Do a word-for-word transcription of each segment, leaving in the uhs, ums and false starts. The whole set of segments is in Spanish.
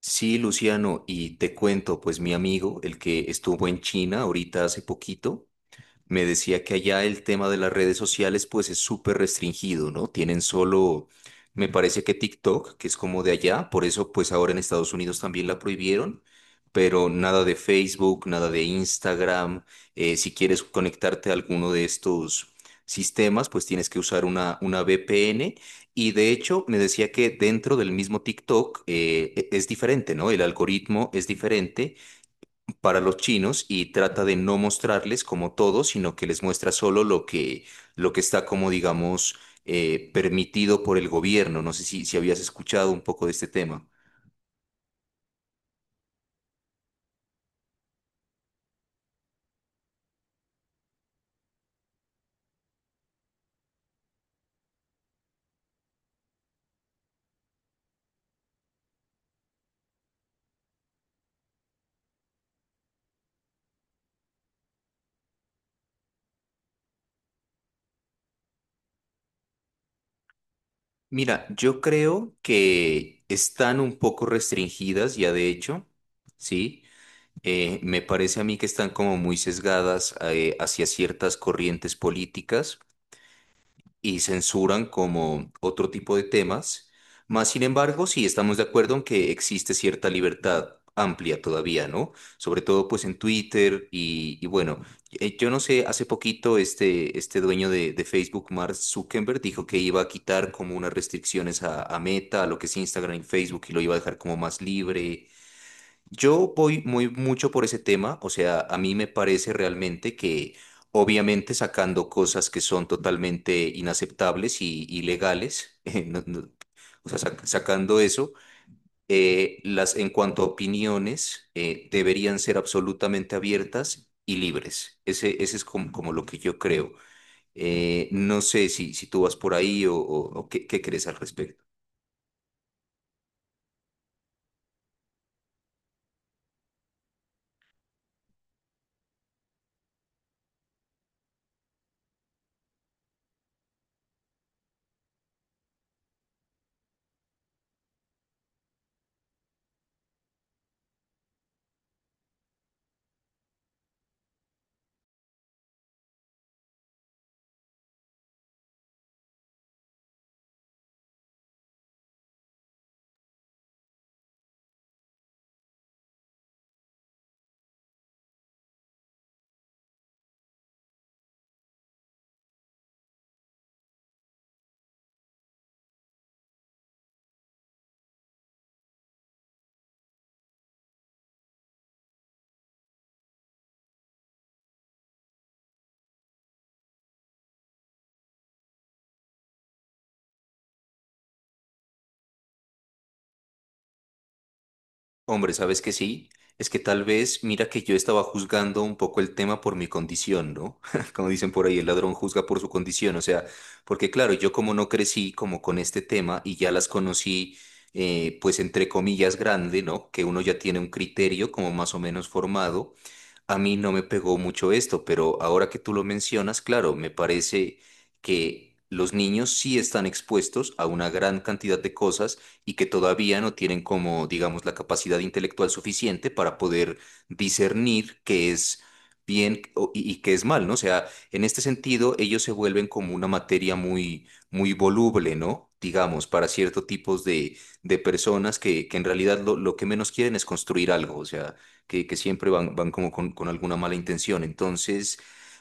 Sí, Luciano, y te cuento, pues mi amigo, el que estuvo en China ahorita hace poquito, me decía que allá el tema de las redes sociales pues es súper restringido, ¿no? Tienen solo, me parece que TikTok, que es como de allá, por eso pues ahora en Estados Unidos también la prohibieron, pero nada de Facebook, nada de Instagram. Eh, si quieres conectarte a alguno de estos sistemas, pues tienes que usar una, una V P N. Y de hecho me decía que dentro del mismo TikTok eh, e- es diferente, ¿no? El algoritmo es diferente para los chinos y trata de no mostrarles como todo, sino que les muestra solo lo que, lo que está como, digamos, eh, permitido por el gobierno. No sé si, si habías escuchado un poco de este tema. Mira, yo creo que están un poco restringidas ya de hecho, ¿sí? Eh, me parece a mí que están como muy sesgadas eh, hacia ciertas corrientes políticas y censuran como otro tipo de temas. Más sin embargo, sí estamos de acuerdo en que existe cierta libertad amplia todavía, ¿no? Sobre todo pues en Twitter y, y bueno, eh, yo no sé, hace poquito este, este dueño de, de Facebook, Mark Zuckerberg, dijo que iba a quitar como unas restricciones a, a Meta, a lo que es Instagram y Facebook y lo iba a dejar como más libre. Yo voy muy mucho por ese tema, o sea, a mí me parece realmente que obviamente sacando cosas que son totalmente inaceptables y ilegales, eh, no- no, o sea, sac- sacando eso, eh, las en cuanto a opiniones eh, deberían ser absolutamente abiertas y libres. Ese, ese es como, como lo que yo creo. Eh, no sé si, si tú vas por ahí o, o- o qué, qué crees al respecto. Hombre, ¿sabes que sí? Es que tal vez, mira que yo estaba juzgando un poco el tema por mi condición, ¿no? Como dicen por ahí, el ladrón juzga por su condición, o sea, porque claro, yo como no crecí como con este tema y ya las conocí, eh, pues entre comillas grande, ¿no? Que uno ya tiene un criterio como más o menos formado. A mí no me pegó mucho esto, pero ahora que tú lo mencionas, claro, me parece que los niños sí están expuestos a una gran cantidad de cosas y que todavía no tienen como, digamos, la capacidad intelectual suficiente para poder discernir qué es bien o- y, y qué es mal, ¿no? O sea, en este sentido, ellos se vuelven como una materia muy, muy voluble, ¿no? Digamos, para cierto tipos de, de personas que, que en realidad lo, lo que menos quieren es construir algo, o sea, que, que siempre van, van como con, con alguna mala intención. Entonces,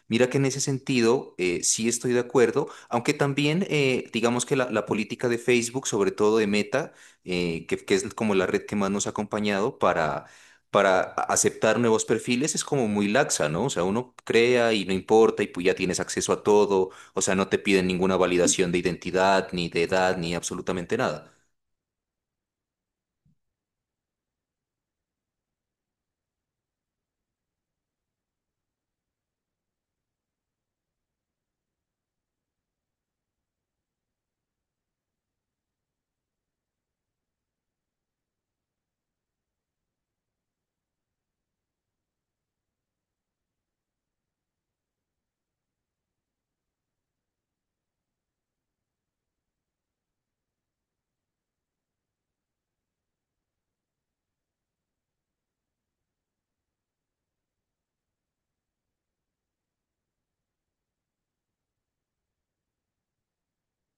mira que en ese sentido eh, sí estoy de acuerdo, aunque también eh, digamos que la, la política de Facebook, sobre todo de Meta, eh, que, que es como la red que más nos ha acompañado para... Para a- aceptar nuevos perfiles es como muy laxa, ¿no? O sea, uno crea y no importa y pues ya tienes acceso a todo, o sea, no te piden ninguna validación de identidad, ni de edad, ni absolutamente nada.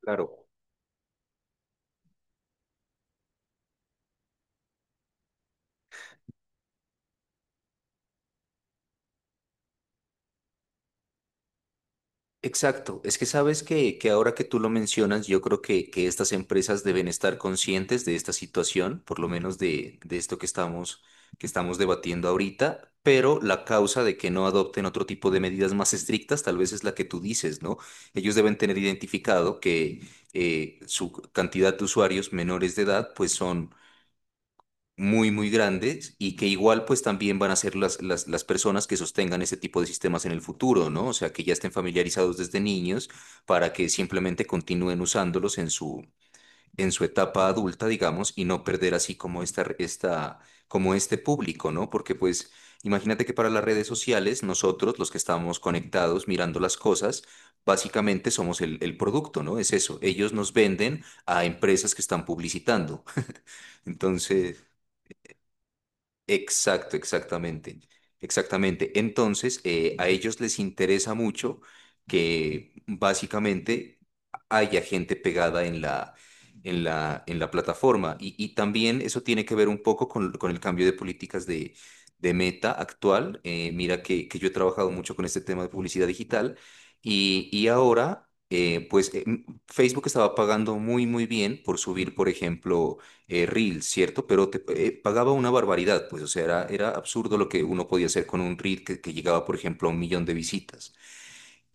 Claro. Exacto, es que sabes que, que ahora que tú lo mencionas, yo creo que, que estas empresas deben estar conscientes de esta situación, por lo menos de, de esto que estamos, que estamos debatiendo ahorita, pero la causa de que no adopten otro tipo de medidas más estrictas tal vez es la que tú dices, ¿no? Ellos deben tener identificado que eh, su cantidad de usuarios menores de edad pues son muy, muy grandes y que igual pues también van a ser las, las, las personas que sostengan ese tipo de sistemas en el futuro, ¿no? O sea, que ya estén familiarizados desde niños para que simplemente continúen usándolos en su, en su etapa adulta, digamos, y no perder así como esta, esta, como este público, ¿no? Porque pues imagínate que para las redes sociales nosotros, los que estamos conectados mirando las cosas, básicamente somos el, el producto, ¿no? Es eso, ellos nos venden a empresas que están publicitando. Entonces... Exacto, exactamente. Exactamente. Entonces, eh, a ellos les interesa mucho que básicamente haya gente pegada en la, en la, en la plataforma. Y, y también eso tiene que ver un poco con, con el cambio de políticas de, de Meta actual. Eh, mira que, que yo he trabajado mucho con este tema de publicidad digital y, y ahora, eh, pues, eh, Facebook estaba pagando muy, muy bien por subir, por ejemplo eh, reel, ¿cierto? Pero te eh, Pagaba una barbaridad, pues, o sea, era, era absurdo lo que uno podía hacer con un reel que, que llegaba, por ejemplo, a un millón de visitas,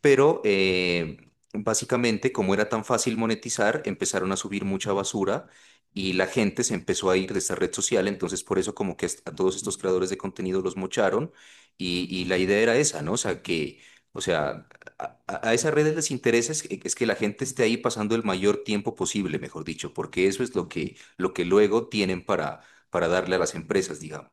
pero eh, básicamente como era tan fácil monetizar, empezaron a subir mucha basura y la gente se empezó a ir de esta red social, entonces por eso como que a todos estos creadores de contenido los mocharon y, y la idea era esa, ¿no? O sea, que, o sea, a, a- a esas redes les interesa es, es que la gente esté ahí pasando el mayor tiempo posible, mejor dicho, porque eso es lo que, lo que luego tienen para, para darle a las empresas, digamos.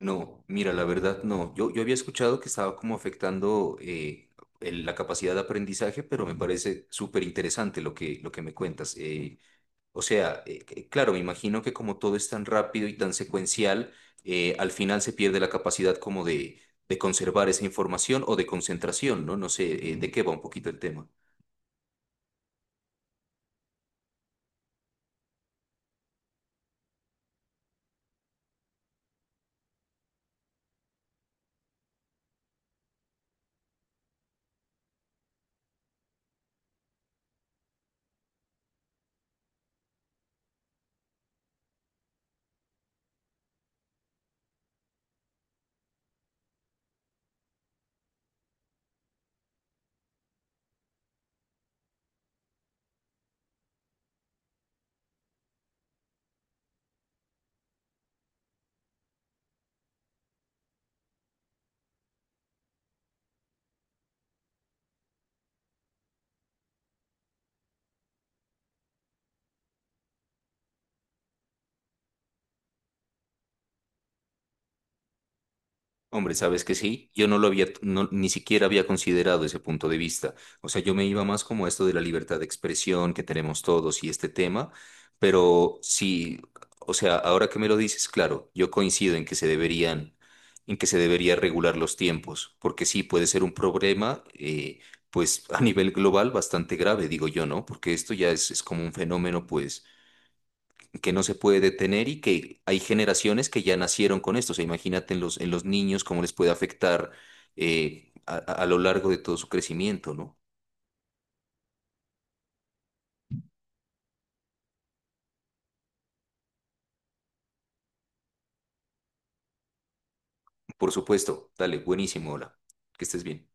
No, mira, la verdad no. Yo, yo había escuchado que estaba como afectando eh, el- la capacidad de aprendizaje, pero me parece súper interesante lo que, lo que me cuentas. Eh, o sea, eh, que- claro, me imagino que como todo es tan rápido y tan secuencial, eh, al final se pierde la capacidad como de, de conservar esa información o de concentración, ¿no? No sé, eh, de qué va un poquito el tema. Hombre, ¿sabes que sí? Yo no lo había, no- ni siquiera había considerado ese punto de vista. O sea, yo me iba más como a esto de la libertad de expresión que tenemos todos y este tema, pero sí, o sea, ahora que me lo dices, claro, yo coincido en que se deberían, en que se debería regular los tiempos, porque sí puede ser un problema, eh, pues a nivel global bastante grave, digo yo, ¿no? Porque esto ya es, es como un fenómeno, pues que no se puede detener y que hay generaciones que ya nacieron con esto. O sea, imagínate en los, en los niños cómo les puede afectar eh, a, a- a lo largo de todo su crecimiento, ¿no? Por supuesto, dale, buenísimo, hola, que estés bien.